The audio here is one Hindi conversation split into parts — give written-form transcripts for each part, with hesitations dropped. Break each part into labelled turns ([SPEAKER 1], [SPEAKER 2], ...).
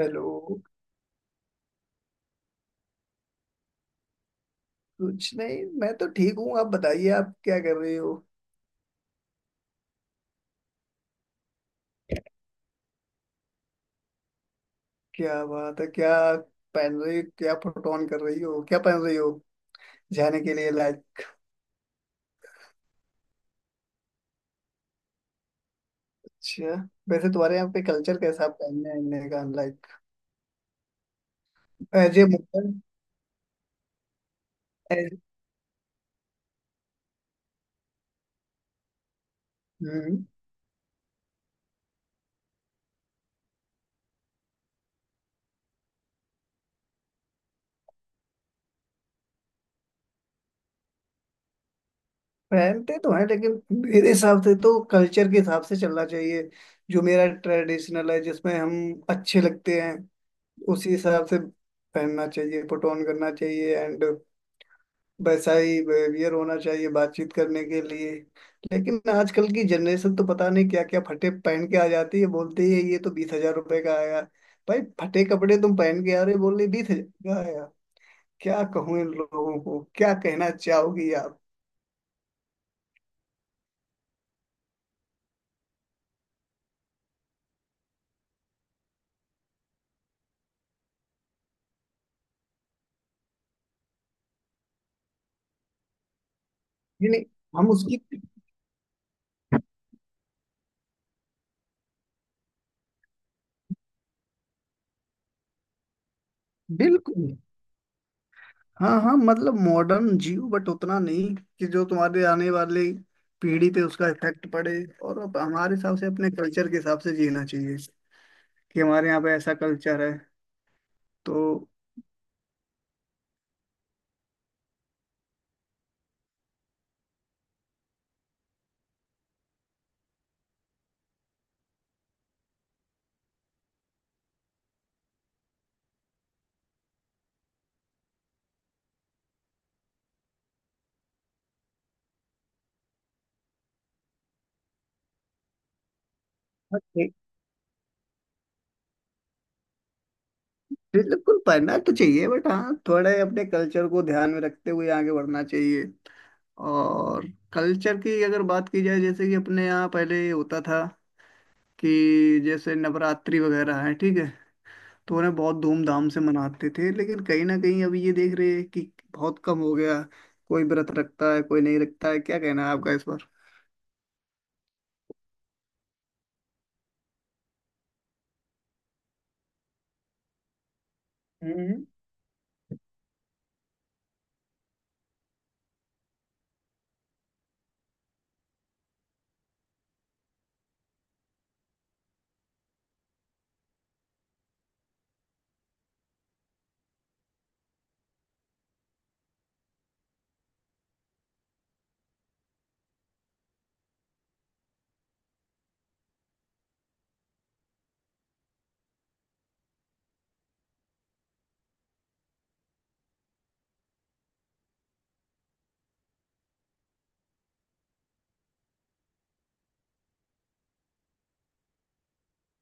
[SPEAKER 1] हेलो। कुछ नहीं, मैं तो ठीक हूँ। आप बताइए, आप क्या कर रही हो? क्या बात है? क्या पहन रही हो? क्या फोटो ऑन कर रही हो? क्या पहन रही हो जाने के लिए? लाइक, अच्छा। वैसे तुम्हारे यहाँ पे कल्चर कैसा है पहनने ओढ़ने का? Like as a Mughal. as- हम्म, पहनते तो हैं लेकिन मेरे हिसाब से तो कल्चर के हिसाब से चलना चाहिए। जो मेरा ट्रेडिशनल है जिसमें हम अच्छे लगते हैं, उसी हिसाब से पहनना चाहिए, फोटो ऑन करना चाहिए एंड वैसा ही बिहेवियर होना चाहिए बातचीत करने के लिए। लेकिन आजकल की जनरेशन तो पता नहीं क्या क्या फटे पहन के आ जाती है, बोलती है ये तो 20,000 रुपए का आया। भाई, फटे कपड़े तुम पहन के आ रहे हो, बोल रहे 20,000 का आया। क्या कहूँ इन लोगों को? क्या कहना चाहोगी आप? ये नहीं, हम उसकी। बिल्कुल। हाँ हाँ, मतलब मॉडर्न जियो बट उतना नहीं कि जो तुम्हारे आने वाले पीढ़ी पे उसका इफेक्ट पड़े। और अब हमारे हिसाब से अपने कल्चर के हिसाब से जीना चाहिए, कि हमारे यहाँ पे ऐसा कल्चर है। तो हाँ, ठीक- बिल्कुल पढ़ना तो चाहिए बट हाँ, थोड़े अपने कल्चर को ध्यान में रखते हुए आगे बढ़ना चाहिए। और कल्चर की अगर बात की जाए, जैसे कि अपने यहाँ पहले ये होता था कि जैसे नवरात्रि वगैरह है, ठीक है, तो उन्हें बहुत धूमधाम से मनाते थे, लेकिन कहीं ना कहीं अभी ये देख रहे हैं कि बहुत कम हो गया। कोई व्रत रखता है कोई नहीं रखता है। क्या कहना है आपका इस पर? हम्म।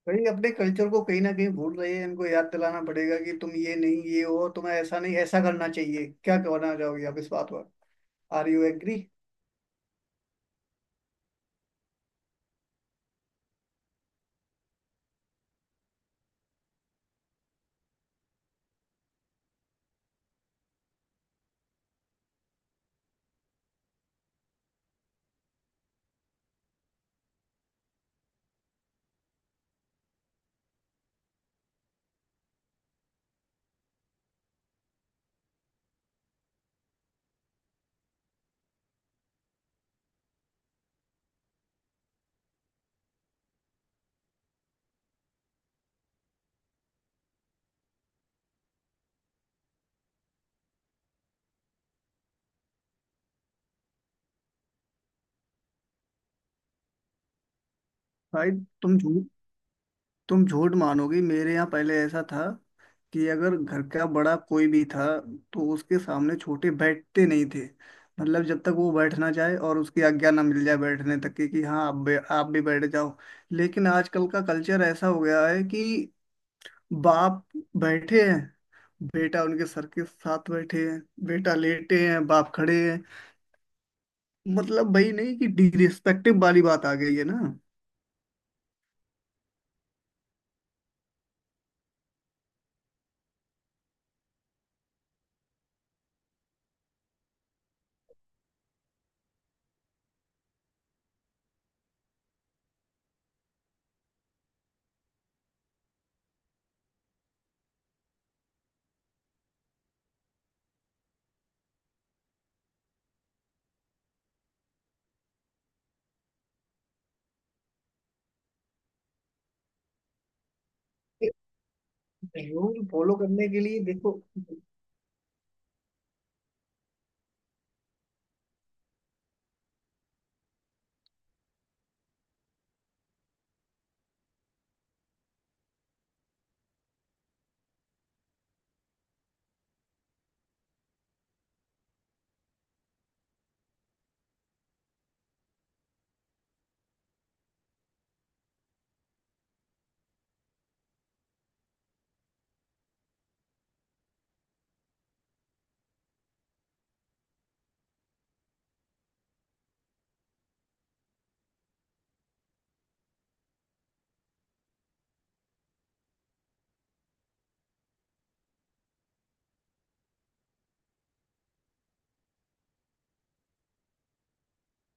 [SPEAKER 1] भाई अपने कल्चर को कहीं ना कहीं भूल रही है, इनको याद दिलाना पड़ेगा कि तुम ये नहीं, ये हो, तुम्हें ऐसा नहीं ऐसा करना चाहिए। क्या कहना चाहोगी आप इस बात पर? Are you agree? भाई तुम झूठ तुम झूठ मानोगी, मेरे यहाँ पहले ऐसा था कि अगर घर का बड़ा कोई भी था तो उसके सामने छोटे बैठते नहीं थे। मतलब जब तक वो बैठ ना जाए और उसकी आज्ञा ना मिल जाए बैठने तक की, कि हाँ आप भी बैठ जाओ। लेकिन आजकल का कल्चर ऐसा हो गया है कि बाप बैठे हैं, बेटा उनके सर के साथ बैठे हैं, बेटा लेटे हैं बाप खड़े हैं। मतलब भाई, नहीं कि डिरिस्पेक्टिव वाली बात आ गई है ना? रूल फॉलो करने के लिए देखो,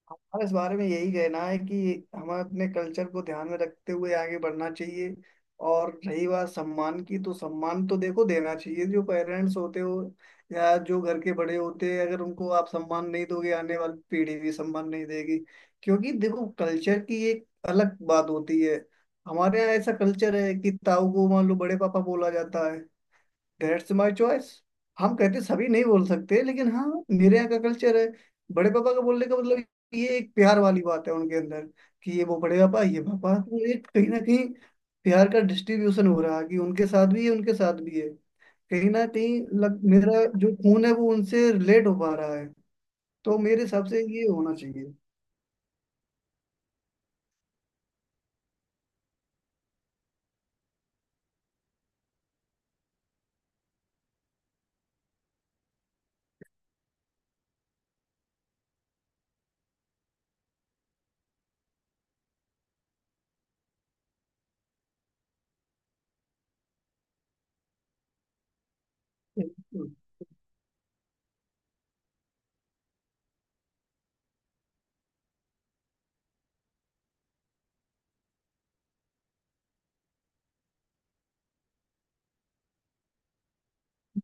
[SPEAKER 1] हमारा इस बारे में यही कहना है कि हमें अपने कल्चर को ध्यान में रखते हुए आगे बढ़ना चाहिए। और रही बात सम्मान की, तो सम्मान तो देखो देना चाहिए। जो पेरेंट्स होते हो या जो घर के बड़े होते हैं, अगर उनको आप सम्मान नहीं दोगे आने वाली पीढ़ी भी सम्मान नहीं देगी। क्योंकि देखो, कल्चर की एक अलग बात होती है। हमारे यहाँ ऐसा कल्चर है कि ताऊ को मान लो बड़े पापा बोला जाता है। That's my choice. हम कहते सभी नहीं बोल सकते, लेकिन हाँ, मेरे यहाँ का कल्चर है। बड़े पापा का बोलने का मतलब, ये एक प्यार वाली बात है उनके अंदर कि ये वो बड़े पापा, ये पापा, तो एक कहीं ना कहीं प्यार का डिस्ट्रीब्यूशन हो रहा है, कि उनके साथ भी है उनके साथ भी है। कहीं ना कहीं लग मेरा जो खून है वो उनसे रिलेट हो पा रहा है। तो मेरे हिसाब से ये होना चाहिए।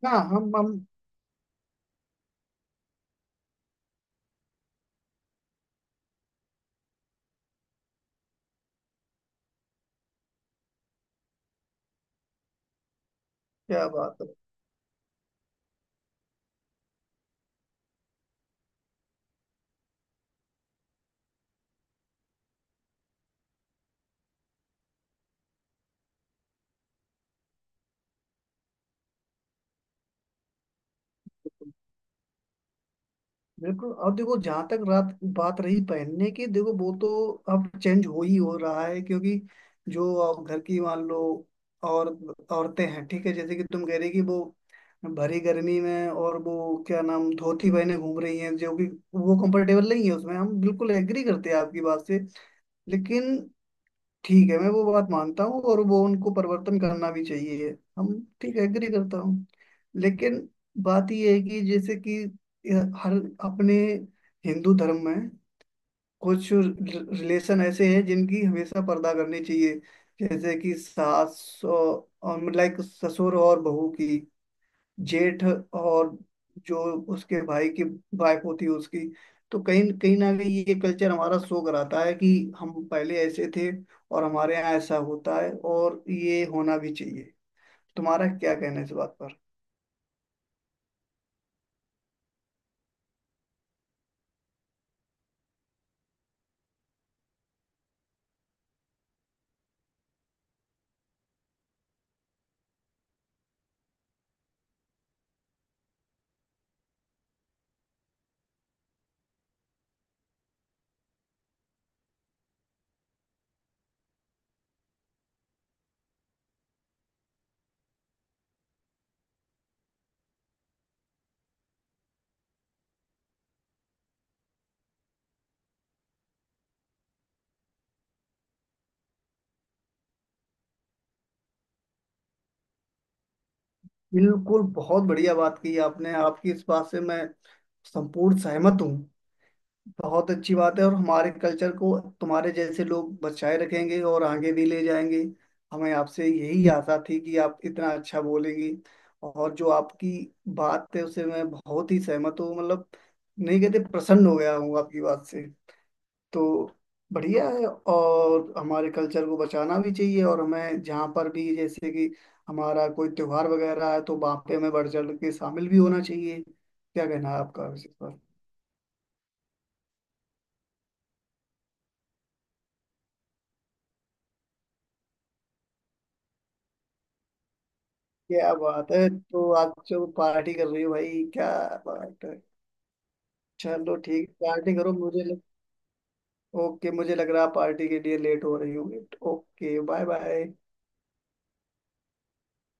[SPEAKER 1] हाँ हम हम। क्या बात है। बिल्कुल, अब देखो जहां तक रात बात रही पहनने की, देखो वो तो अब चेंज हो ही हो रहा है, क्योंकि जो अब घर की मान लो और औरतें हैं, ठीक है, जैसे कि तुम कह रही कि वो भरी गर्मी में और वो क्या नाम धोती पहने घूम रही हैं जो कि वो कंफर्टेबल नहीं है, उसमें हम बिल्कुल एग्री करते हैं आपकी बात से। लेकिन ठीक है, मैं वो बात मानता हूँ और वो उनको परिवर्तन करना भी चाहिए। हम ठीक है एग्री करता हूँ। लेकिन बात ये है कि जैसे कि यह हर अपने हिंदू धर्म में कुछ रिलेशन ऐसे हैं जिनकी हमेशा पर्दा करनी चाहिए, जैसे कि सास लाइक ससुर और बहू की, जेठ और जो उसके भाई की वाइफ होती है उसकी। तो कहीं कहीं ना कहीं ये कल्चर हमारा शो कराता है कि हम पहले ऐसे थे और हमारे यहाँ ऐसा होता है और ये होना भी चाहिए। तुम्हारा क्या कहना है इस बात पर? बिल्कुल, बहुत बढ़िया बात की आपने। आपकी इस बात से मैं संपूर्ण सहमत हूँ। बहुत अच्छी बात है और हमारे कल्चर को तुम्हारे जैसे लोग बचाए रखेंगे और आगे भी ले जाएंगे। हमें आपसे यही आशा थी कि आप इतना अच्छा बोलेंगी। और जो आपकी बात है उसे मैं बहुत ही सहमत हूँ, मतलब नहीं कहते प्रसन्न हो गया हूँ आपकी बात से। तो बढ़िया है, और हमारे कल्चर को बचाना भी चाहिए और हमें जहाँ पर भी, जैसे कि हमारा कोई त्योहार वगैरह है, तो वहाँ पे हमें बढ़ चढ़ के शामिल भी होना चाहिए। क्या कहना है आपका इस पर? क्या बात है, तो आप जो पार्टी कर रही हो, भाई क्या बात है। चलो ठीक है, पार्टी करो। ओके, मुझे लग रहा है पार्टी के लिए लेट हो रही होगी। Okay, bye bye.